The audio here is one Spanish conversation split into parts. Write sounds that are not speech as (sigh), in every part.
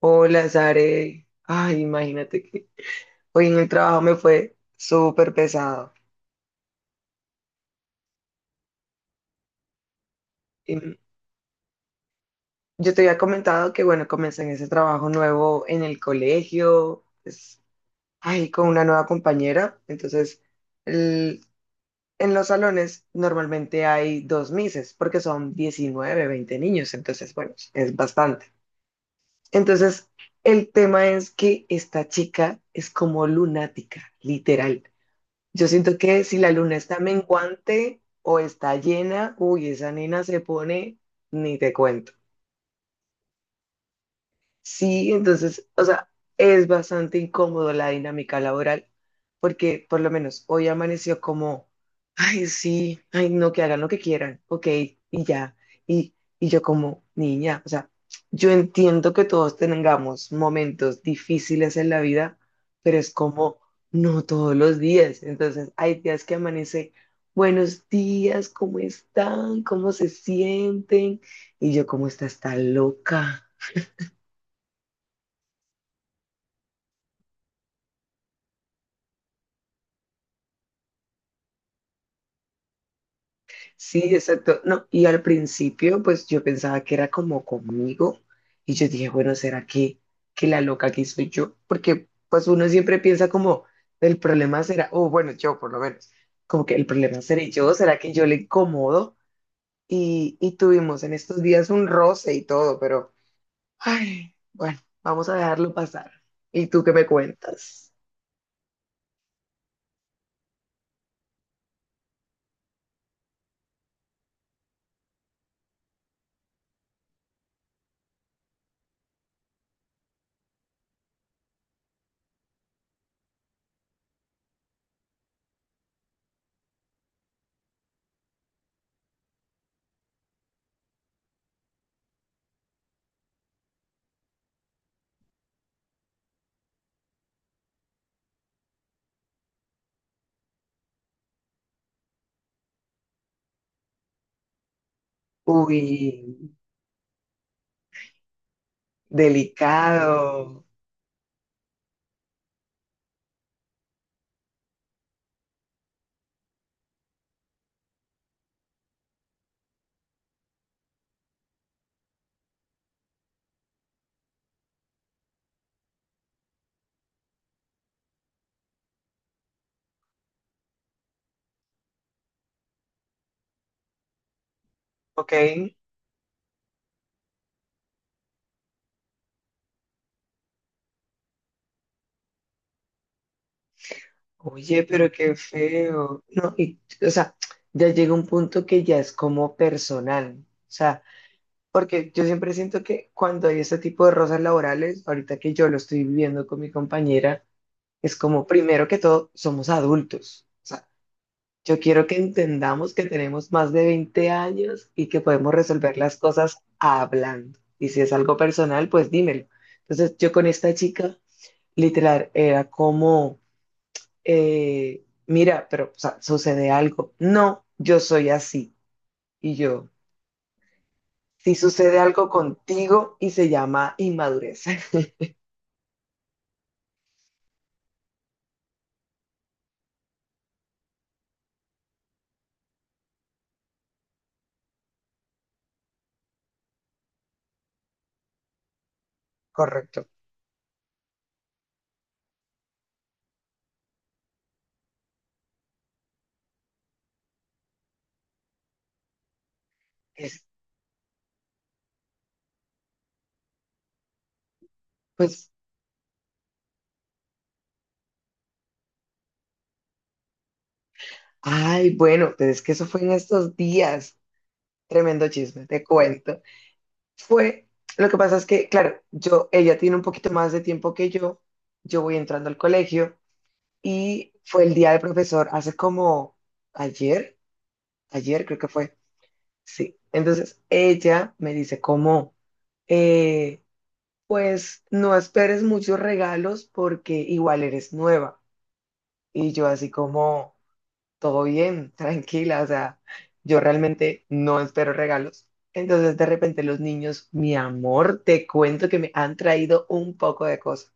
Hola, Sare. Ay, imagínate que hoy en el trabajo me fue súper pesado. Y yo te había comentado que, bueno, comencé en ese trabajo nuevo en el colegio, pues, ay, con una nueva compañera. Entonces, el- en los salones normalmente hay dos mises, porque son 19, 20 niños. Entonces, bueno, es bastante. Entonces, el tema es que esta chica es como lunática, literal. Yo siento que si la luna está menguante o está llena, uy, esa nena se pone, ni te cuento. Sí, entonces, o sea, es bastante incómodo la dinámica laboral, porque por lo menos hoy amaneció como, ay, sí, ay, no, que hagan lo que quieran, ok, y ya. Y, y yo como niña, o sea, yo entiendo que todos tengamos momentos difíciles en la vida, pero es como, no todos los días. Entonces, hay días que amanece, buenos días, ¿cómo están? ¿Cómo se sienten? Y yo como, esta está loca. Sí, exacto. No, y al principio, pues yo pensaba que era como conmigo y yo dije, bueno, ¿será que la loca aquí soy yo? Porque pues uno siempre piensa como, el problema será, o bueno, yo por lo menos, como que el problema seré yo, ¿será que yo le incomodo? Y tuvimos en estos días un roce y todo, pero, ay, bueno, vamos a dejarlo pasar. ¿Y tú qué me cuentas? Uy, delicado, ¿ok? Oye, pero qué feo. No, y, o sea, ya llega un punto que ya es como personal. O sea, porque yo siempre siento que cuando hay este tipo de rosas laborales, ahorita que yo lo estoy viviendo con mi compañera, es como, primero que todo, somos adultos. O sea, yo quiero que entendamos que tenemos más de 20 años y que podemos resolver las cosas hablando. Y si es algo personal, pues dímelo. Entonces, yo con esta chica, literal, era como mira, pero o sea, sucede algo. No, yo soy así. Y yo, si sucede algo contigo y se llama inmadurez. (laughs) Correcto. Es, Pues, ay, bueno, pero es que eso fue en estos días. Tremendo chisme, te cuento. Fue, lo que pasa es que, claro, yo, ella tiene un poquito más de tiempo que yo. Yo voy entrando al colegio y fue el día del profesor hace como ayer, ayer creo que fue. Sí. Entonces ella me dice como eh, pues no esperes muchos regalos porque igual eres nueva. Y yo así como, todo bien, (laughs) tranquila, o sea, yo realmente no espero regalos. Entonces de repente los niños, mi amor, te cuento que me han traído un poco de cosas.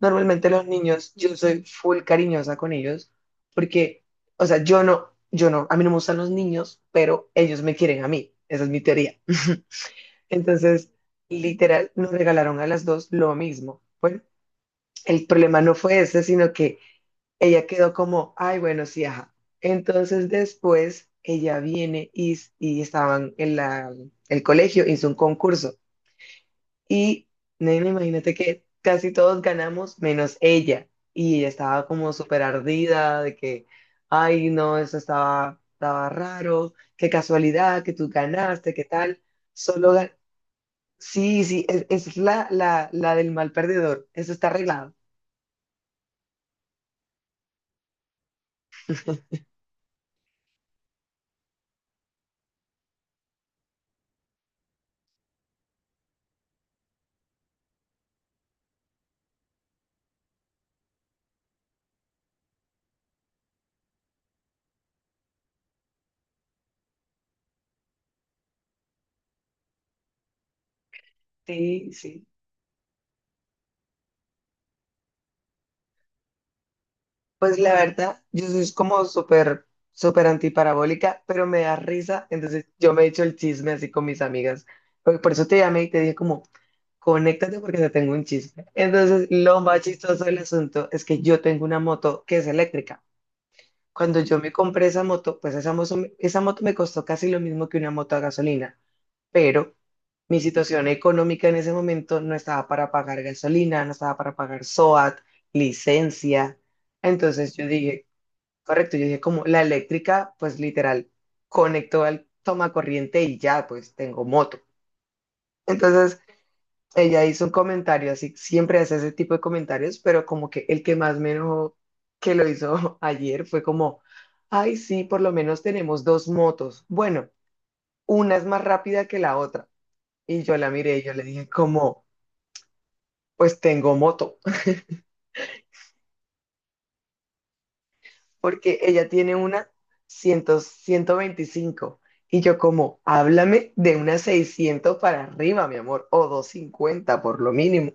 Normalmente los niños, yo soy full cariñosa con ellos porque, o sea, yo no, a mí no me gustan los niños, pero ellos me quieren a mí. Esa es mi teoría. (laughs) Entonces, literal, nos regalaron a las dos lo mismo. Bueno, el problema no fue ese, sino que ella quedó como, ay, bueno, sí, ajá. Entonces, después, ella viene y estaban en el colegio, hizo un concurso. Y, nena, imagínate que casi todos ganamos, menos ella. Y ella estaba como súper ardida de que, ay, no, eso estaba raro, qué casualidad, que tú ganaste, qué tal. Solo, Sí, sí, es la, la del mal perdedor. Eso está arreglado. Sí, sí. Pues la verdad, yo soy como súper, súper antiparabólica, pero me da risa. Entonces yo me he hecho el chisme así con mis amigas. Porque por eso te llamé y te dije como, conéctate porque te tengo un chisme. Entonces lo más chistoso del asunto es que yo tengo una moto que es eléctrica. Cuando yo me compré esa moto, pues esa moto me costó casi lo mismo que una moto a gasolina, pero mi situación económica en ese momento no estaba para pagar gasolina, no estaba para pagar SOAT, licencia. Entonces yo dije, correcto, yo dije como la eléctrica, pues literal, conectó al toma corriente y ya, pues tengo moto. Entonces ella hizo un comentario, así siempre hace ese tipo de comentarios, pero como que el que más me enojó que lo hizo (laughs) ayer fue como, ay, sí, por lo menos tenemos dos motos. Bueno, una es más rápida que la otra. Y yo la miré y yo le dije, como, pues tengo moto, (laughs) porque ella tiene una 100, 125. Y yo como, háblame de una 600 para arriba, mi amor, o 250 por lo mínimo.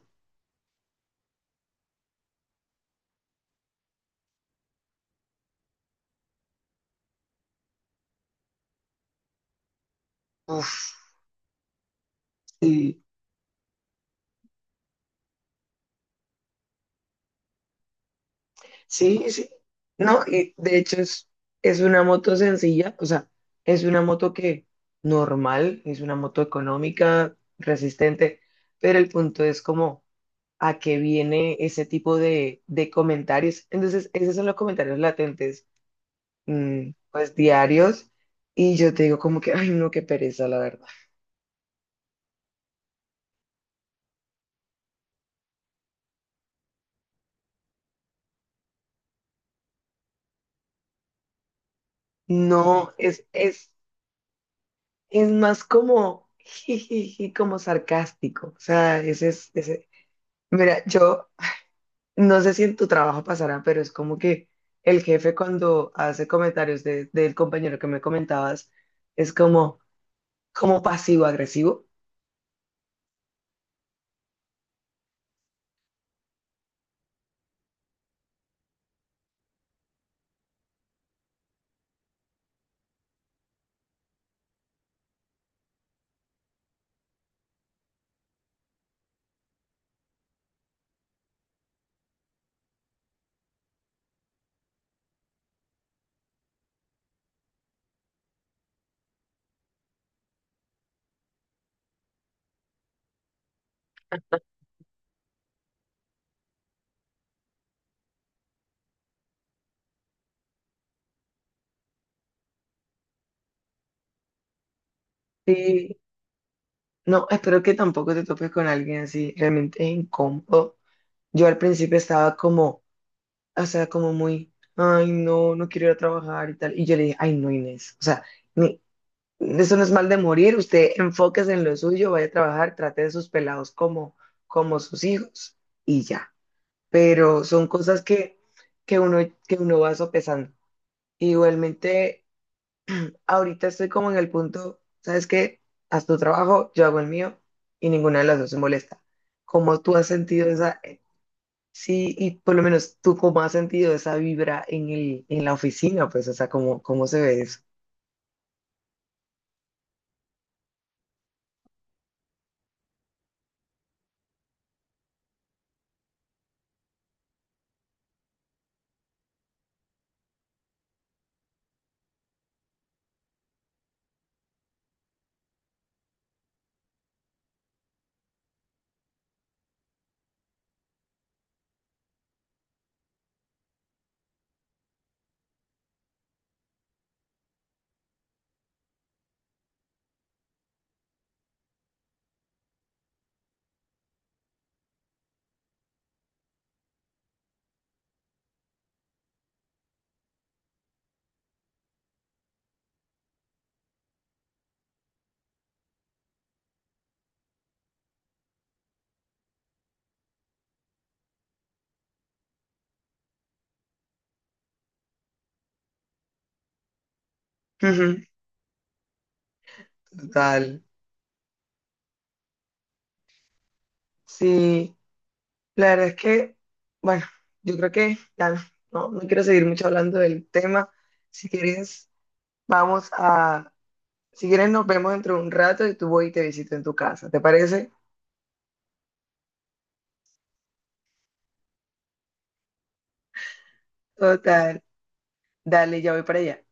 Uf, sí sí, sí. No, y de hecho es una moto sencilla, o sea, es una moto que normal, es una moto económica, resistente, pero el punto es como a qué viene ese tipo de comentarios. Entonces, esos son los comentarios latentes, mm, pues diarios, y yo te digo como que, ay, no, qué pereza, la verdad. No, es más como, (laughs) jijiji, como sarcástico. O sea, ese. Mira, yo no sé si en tu trabajo pasará, pero es como que el jefe cuando hace comentarios del compañero que me comentabas, es como, como pasivo-agresivo. Sí, no, espero que tampoco te topes con alguien así, realmente es incómodo. Yo al principio estaba como, o sea, como muy, ay, no, no quiero ir a trabajar y tal. Y yo le dije, ay, no, Inés, o sea, ni- eso no es mal de morir, usted enfóquese en lo suyo, vaya a trabajar, trate de sus pelados como, como sus hijos y ya. Pero son cosas que, que uno, que uno va sopesando. Igualmente ahorita estoy como en el punto, ¿sabes qué? Haz tu trabajo, yo hago el mío y ninguna de las dos se molesta. ¿Cómo tú has sentido esa, sí, y por lo menos tú cómo has sentido esa vibra en el, en la oficina, pues, o sea, cómo, ¿cómo se ve eso? Ujú, total. Sí, la verdad es que, bueno, yo creo que ya no, no quiero seguir mucho hablando del tema. Si quieres, vamos a, si quieres nos vemos dentro de un rato y tú voy y te visito en tu casa, ¿te parece? Total. Dale, ya voy para allá.